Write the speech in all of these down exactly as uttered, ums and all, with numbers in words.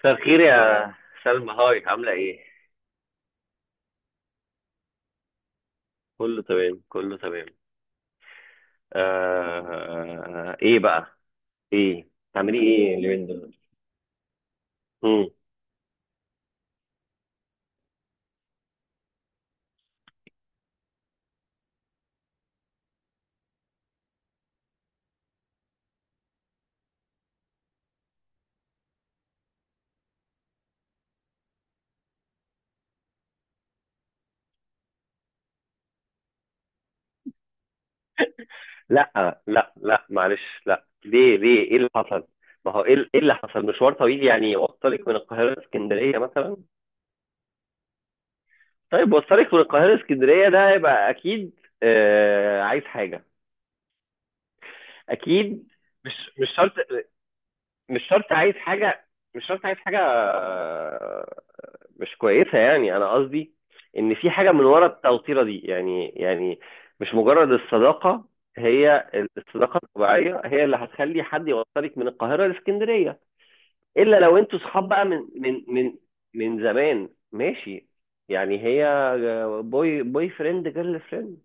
مساء الخير يا سلمى، هاي. عاملة ايه؟ كله تمام، كله تمام آه ايه بقى؟ ايه؟ تعملي ايه اليومين دول؟ مم. لا لا لا، معلش، لا. ليه ليه ايه اللي حصل؟ ما هو ايه، إيه اللي حصل؟ مشوار طويل، يعني يوصلك من القاهرة لاسكندرية مثلا؟ طيب، وصلك من القاهرة لاسكندرية، ده يبقى اكيد آه عايز حاجة، اكيد. مش مش شرط مش شرط عايز حاجة. مش شرط عايز حاجة، آه، مش كويسه، يعني انا قصدي ان في حاجه من ورا التوتيره دي، يعني يعني مش مجرد الصداقه. هي الصداقه الطبيعيه هي اللي هتخلي حد يوصلك من القاهره لاسكندريه، الا لو انتوا صحاب بقى من من من من زمان. ماشي، يعني هي بوي، بوي فريند جيرل فريند.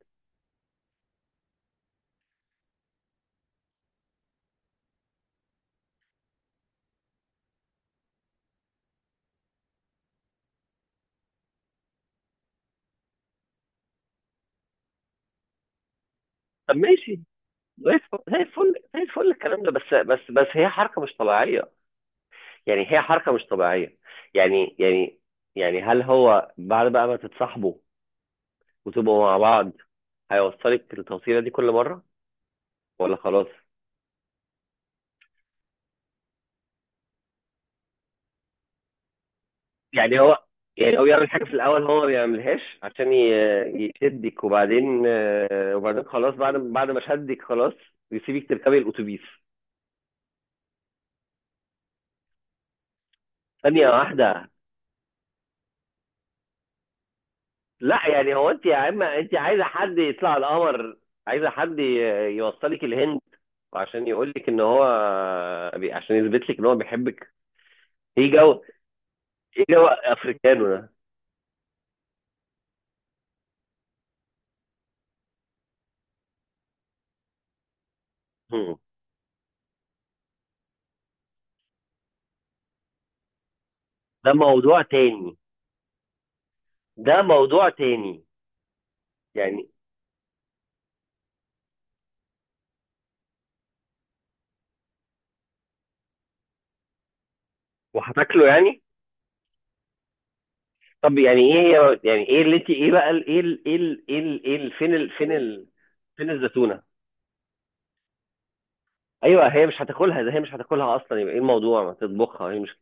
طب ماشي، زي الفل، زي الفل زي الفل الكلام ده، بس بس بس هي حركه مش طبيعيه. يعني هي حركه مش طبيعيه، يعني يعني يعني هل هو بعد بقى ما تتصاحبوا وتبقوا مع بعض هيوصلك التوصيلة دي كل مرة، ولا خلاص؟ يعني هو، يعني هو يعمل حاجة في الأول هو ما بيعملهاش عشان ي- يشدك، وبعدين آه، وبعدين خلاص، بعد بعد ما شدك خلاص يسيبك تركبي الأتوبيس. ثانية واحدة، لا يعني هو، أنت يا عم، أنت عايزة حد يطلع على القمر، عايزة حد ي- يوصلك الهند، وعشان يقول لك ان هو، بي- عشان يثبت لك ان هو بيحبك. ايه جو، ايه جو افريكانو ده؟ هم. ده موضوع تاني. ده موضوع تاني. يعني وهتاكله يعني؟ طب يعني ايه، هي يعني ايه اللي انت، ايه بقى ال- ايه ال- ايه ال- ايه ال- ايه ال- فين ال فين ال، فين الزتونه؟ ايوه هي مش هتاكلها، ده هي مش هتاكلها اصلا، يبقى ايه الموضوع، ما تطبخها هي مش.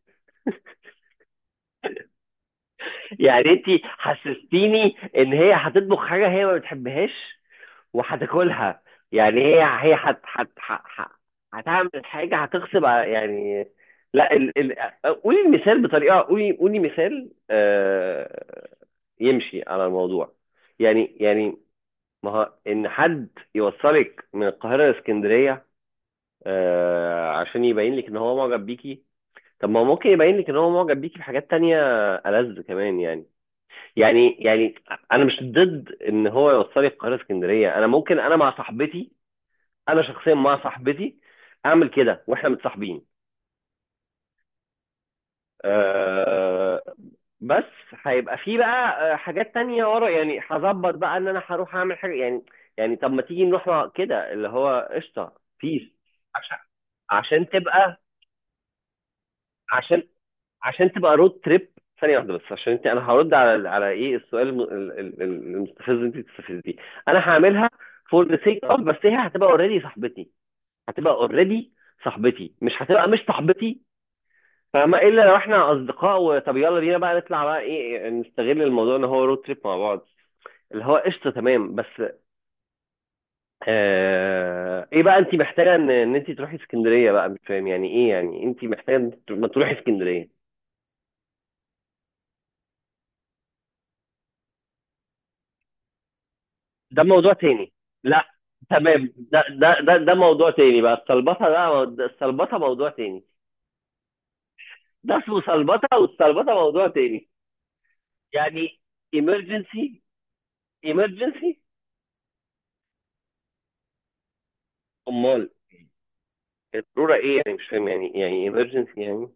يعني انت حسستيني ان هي هتطبخ حاجه هي ما بتحبهاش وهتاكلها. يعني هي، هي هت هت ه- ه- هتعمل حاجه، هتغصب ع- يعني لا، ال... ال... قولي المثال بطريقه، قولي قولي مثال آه... يمشي على الموضوع. يعني يعني ما هو ان حد يوصلك من القاهره لاسكندريه آه... عشان يبين لك ان هو معجب بيكي، طب ما هو ممكن يبين لك ان هو معجب بيكي بحاجات تانية ألذ كمان يعني. يعني يعني انا مش ضد ان هو يوصلي القاهره اسكندريه، انا ممكن انا مع صاحبتي، انا شخصيا مع صاحبتي اعمل كده واحنا متصاحبين. آه، بس هيبقى في بقى آه، حاجات تانية ورا، يعني هظبط بقى ان انا هروح اعمل حاجه يعني. يعني طب ما تيجي نروح مع- كده اللي هو قشطه بيس. عشان، عشان تبقى، عشان، عشان تبقى رود تريب. ثانيه واحده بس، عشان انت، انا هرد على، على ايه، السؤال الم- ال- ال- ال- المستفز اللي انت بتستفزيه. انا هعملها فور ذا سيك اوف، بس هي هتبقى اوريدي صاحبتي، هتبقى اوريدي صاحبتي، مش هتبقى مش صاحبتي. فاهمة؟ الا لو احنا اصدقاء، وطب يلا بينا بقى نطلع بقى، ايه، نستغل الموضوع ان هو رود تريب مع بعض، اللي هو قشطه تمام. بس آه ايه بقى، انت محتاجه ان ان انت تروحي اسكندريه بقى؟ مش فاهم، يعني ايه يعني انت محتاجه إن أنت ما تروحي اسكندريه؟ ده موضوع تاني. لا تمام، ده ده ده ده موضوع تاني بقى. السلبطه ده مو- ده السلبطه موضوع تاني، ده اسمه سلبطه، والسلبطه موضوع تاني. يعني emergency. emergency. امال الضروره ايه يعني؟ مش فاهم، يعني يعني emergency يعني.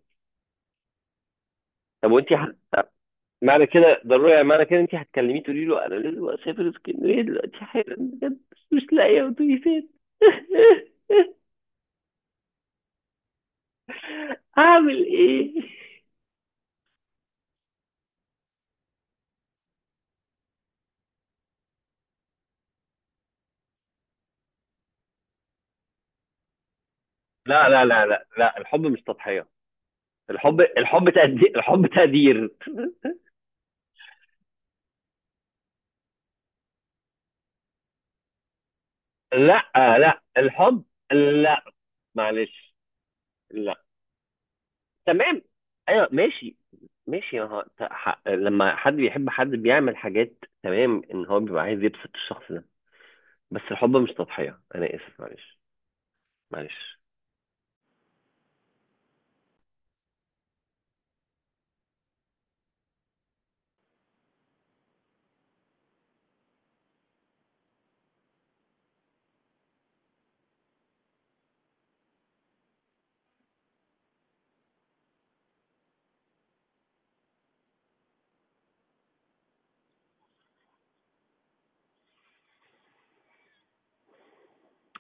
طب وانت هت... معنى كده ضروري، معنى كده انت هتكلميه تقولي له انا لازم اسافر اسكندريه دلوقتي حالا بجد، مش لاقيه اتوبيسات. هعمل ايه؟ لا لا لا لا لا، الحب مش تضحيه. الحب، الحب تقدير، الحب تقدير. لا لا الحب، لا، معلش، لا. تمام. ايوه ماشي. ماشي، ها... ت- ح- لما حد بيحب حد بيعمل حاجات، تمام، ان هو بيبقى عايز يبسط الشخص ده، بس الحب مش تضحيه، انا اسف، معلش. معلش.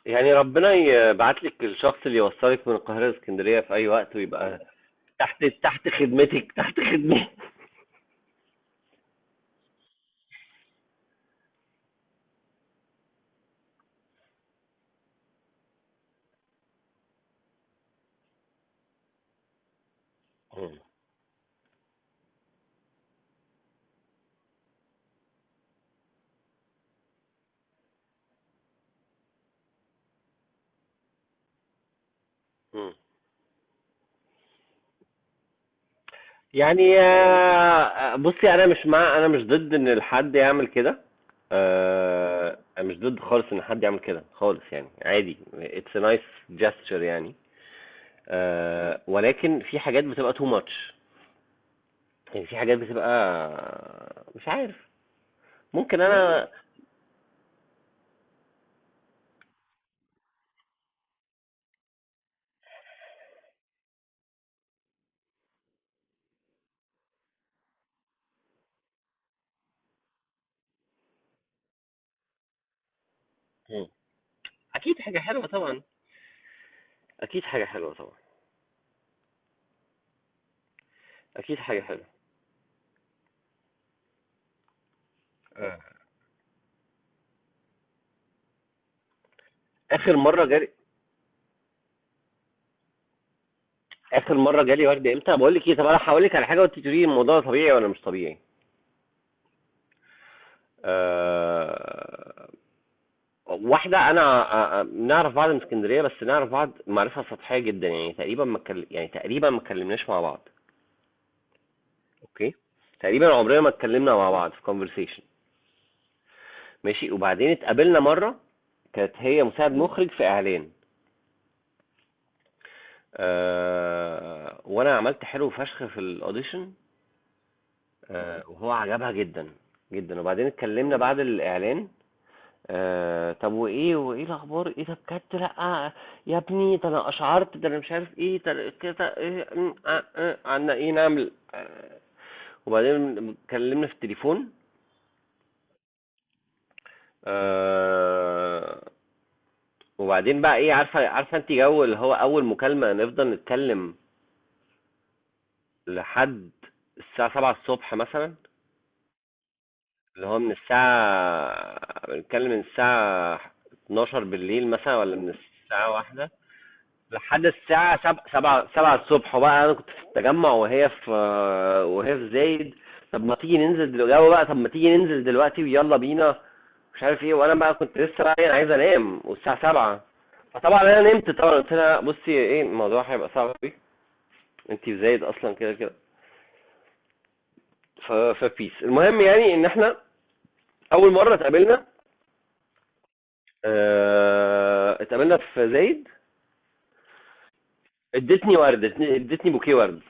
يعني ربنا يبعت لك الشخص اللي يوصلك من القاهرة لاسكندرية في أي وقت، ويبقى تحت، تحت خدمتك تحت خدمتك. مم. مم. يعني آه، بصي، أنا مش مع، أنا مش ضد إن حد يعمل كده. آه، أنا مش ضد خالص إن حد يعمل كده خالص، يعني عادي، it's a nice gesture يعني. آه، ولكن في حاجات بتبقى too much. يعني في حاجات بتبقى، مش عارف. ممكن أنا، أكيد حاجة حلوة طبعا. اكيد حاجه حلوه طبعا. اكيد حاجه حلوه. آه. اخر مره جالي، اخر مره جالي ورد امتى؟ بقول لك ايه، طب انا هقول لك على حاجه، وانت تقولي لي الموضوع ده طبيعي ولا مش طبيعي. أه... واحده، انا أه... آه، نعرف بعض من اسكندريه، بس نعرف بعض معرفه سطحيه جدا، يعني تقريبا ما اتكل... يعني تقريبا ما اتكلمناش مع بعض. اوكي، تقريبا عمرنا ما اتكلمنا مع بعض في كونفرسيشن. ماشي، وبعدين اتقابلنا مره، كانت هي مساعد مخرج في اعلان. أه... وانا عملت حلو فشخ في الاوديشن، آه، وهو عجبها جدًا، جدًا، وبعدين اتكلمنا بعد الإعلان. آآ، طب وإيه، وإيه الأخبار، إيه ده بجد، لأ، يا ابني ده أنا أشعرت، ده أنا مش عارف إيه، ده كده إيه، إمم، آآ، آآ، عنا إيه نعمل، آآ، وبعدين اتكلمنا في التليفون. آآ، وبعدين بقى إيه، عارفة، عارفة أنتِ جو اللي هو أول مكالمة نفضل نتكلم لحد الساعة السابعة مثلًا. اللي هو من الساعة بنتكلم، من الساعة اتناشر بالليل مثلا، ولا من الساعة واحدة لحد الساعة سبعة، سبعة سبعة الصبح بقى. أنا كنت في التجمع، وهي في، وهي في زايد. طب ما تيجي ننزل دلوقتي، يلا بقى، طب ما تيجي ننزل دلوقتي ويلا بينا، مش عارف ايه. وانا بقى كنت لسه بقى ايه، عايز انام، والساعة سبعة. فطبعا انا نمت طبعا. قلت لها بصي، ايه، الموضوع هيبقى صعب قوي، انتي في زايد اصلا كده كده. ف- فبيس. المهم يعني ان احنا اول مرة اتقابلنا، آه، اتقابلنا في زايد، ادتني ورد، ادتني ادتني بوكيه ورد.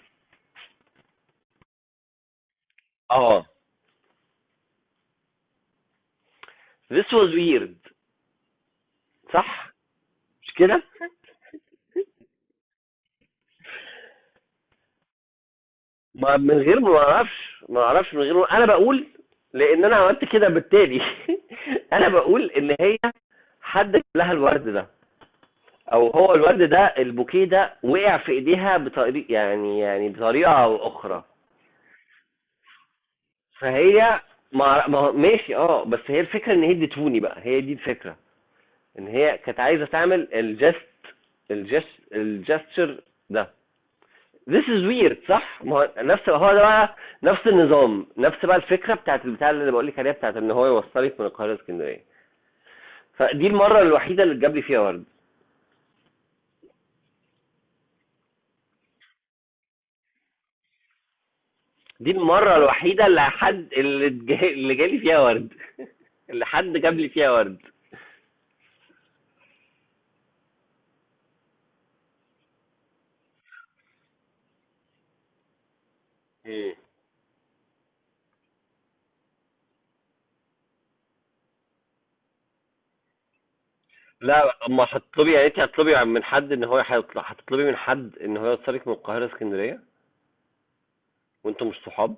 اه، this was weird صح، مش كده؟ ما من غير ما اعرفش، ما اعرفش من غير ما انا بقول، لان انا عملت كده، بالتالي. انا بقول ان هي، حد جاب لها الورد ده، او هو الورد ده، البوكيه ده وقع في ايديها بطريقه، يعني يعني بطريقه او اخرى. فهي، ما ما- ماشي، اه بس هي الفكره، ان هي ادتهوني بقى، هي دي الفكره، ان هي كانت عايزه تعمل الجست، الجست الجستشر ده. This is weird، صح؟ ما هو نفس، هو ده بقى نفس النظام، نفس بقى الفكره بتاعت البتاع اللي بقول لك عليها، بتاعت ان هو يوصلك من القاهره اسكندريه. فدي المره الوحيده اللي اتجاب لي فيها ورد. دي المره الوحيده اللي حد، اللي اتج- اللي جالي فيها ورد، اللي حد جاب لي فيها ورد. لا، اما هتطلبي يا ريت، هتطلبي من حد ان هو هيطلع، هتطلبي من حد ان هو يوصلك من القاهره اسكندريه وانتم مش صحاب؟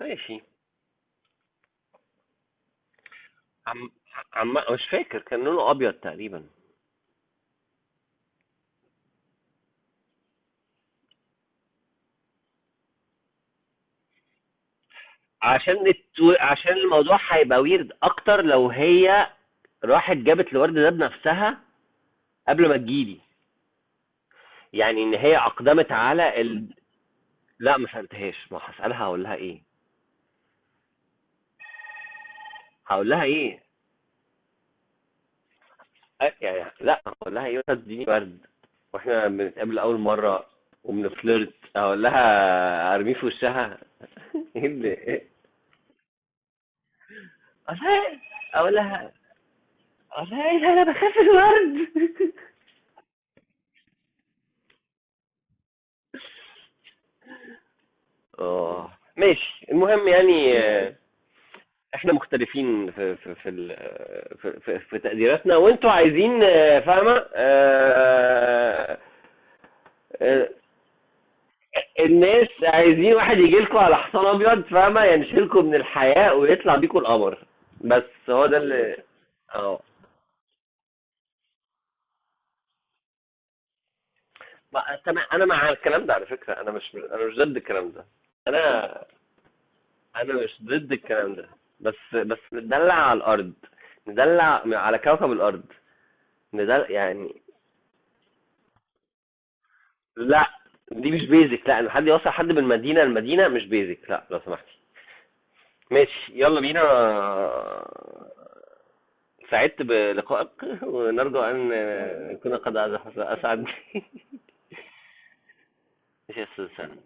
ماشي. عم، عم مش فاكر، كان لونه ابيض تقريبا. عشان التو... عشان الموضوع هيبقى ويرد اكتر، لو هي راحت جابت الورد ده بنفسها قبل ما تجيلي، يعني ان هي اقدمت على ال... لا، ما سالتهاش، ما هسالها، هقول لها ايه؟ هقول لها ايه؟ أ- يعني لا، هقول لها ايه، وأنت تديني ورد واحنا بنتقابل اول مره وبنفلرت؟ اقول لها ارميه في وشها؟ ايه اللي ايه! اقول لها، اقول لها اقول لها إيه ده؟ انا بخاف من الورد. آه، ماشي، المهم، يعني آه، احنا مختلفين في في في ال- آه، في, في, في تقديراتنا، وانتوا عايزين، آه، فاهمة، آه، آه، الناس عايزين واحد يجي لكم على حصان ابيض، فاهمة، ينشلكم من الحياة ويطلع بيكم القمر. بس هو ده اللي، اه. ما- تمام، انا مع الكلام ده على فكرة، انا مش، انا مش ضد الكلام ده. انا، انا مش ضد الكلام ده، بس بس ندلع على الارض، ندلع على كوكب الارض، ان ده يعني. لا، دي مش بيزك، لا، ان حد يوصل حد من مدينه لمدينه مش بيزك، لا، لو سمحتي. ماشي، يلا بينا. سعدت بلقائك، ونرجو ان كنا قد اسعد. ماشي يا استاذ سامي.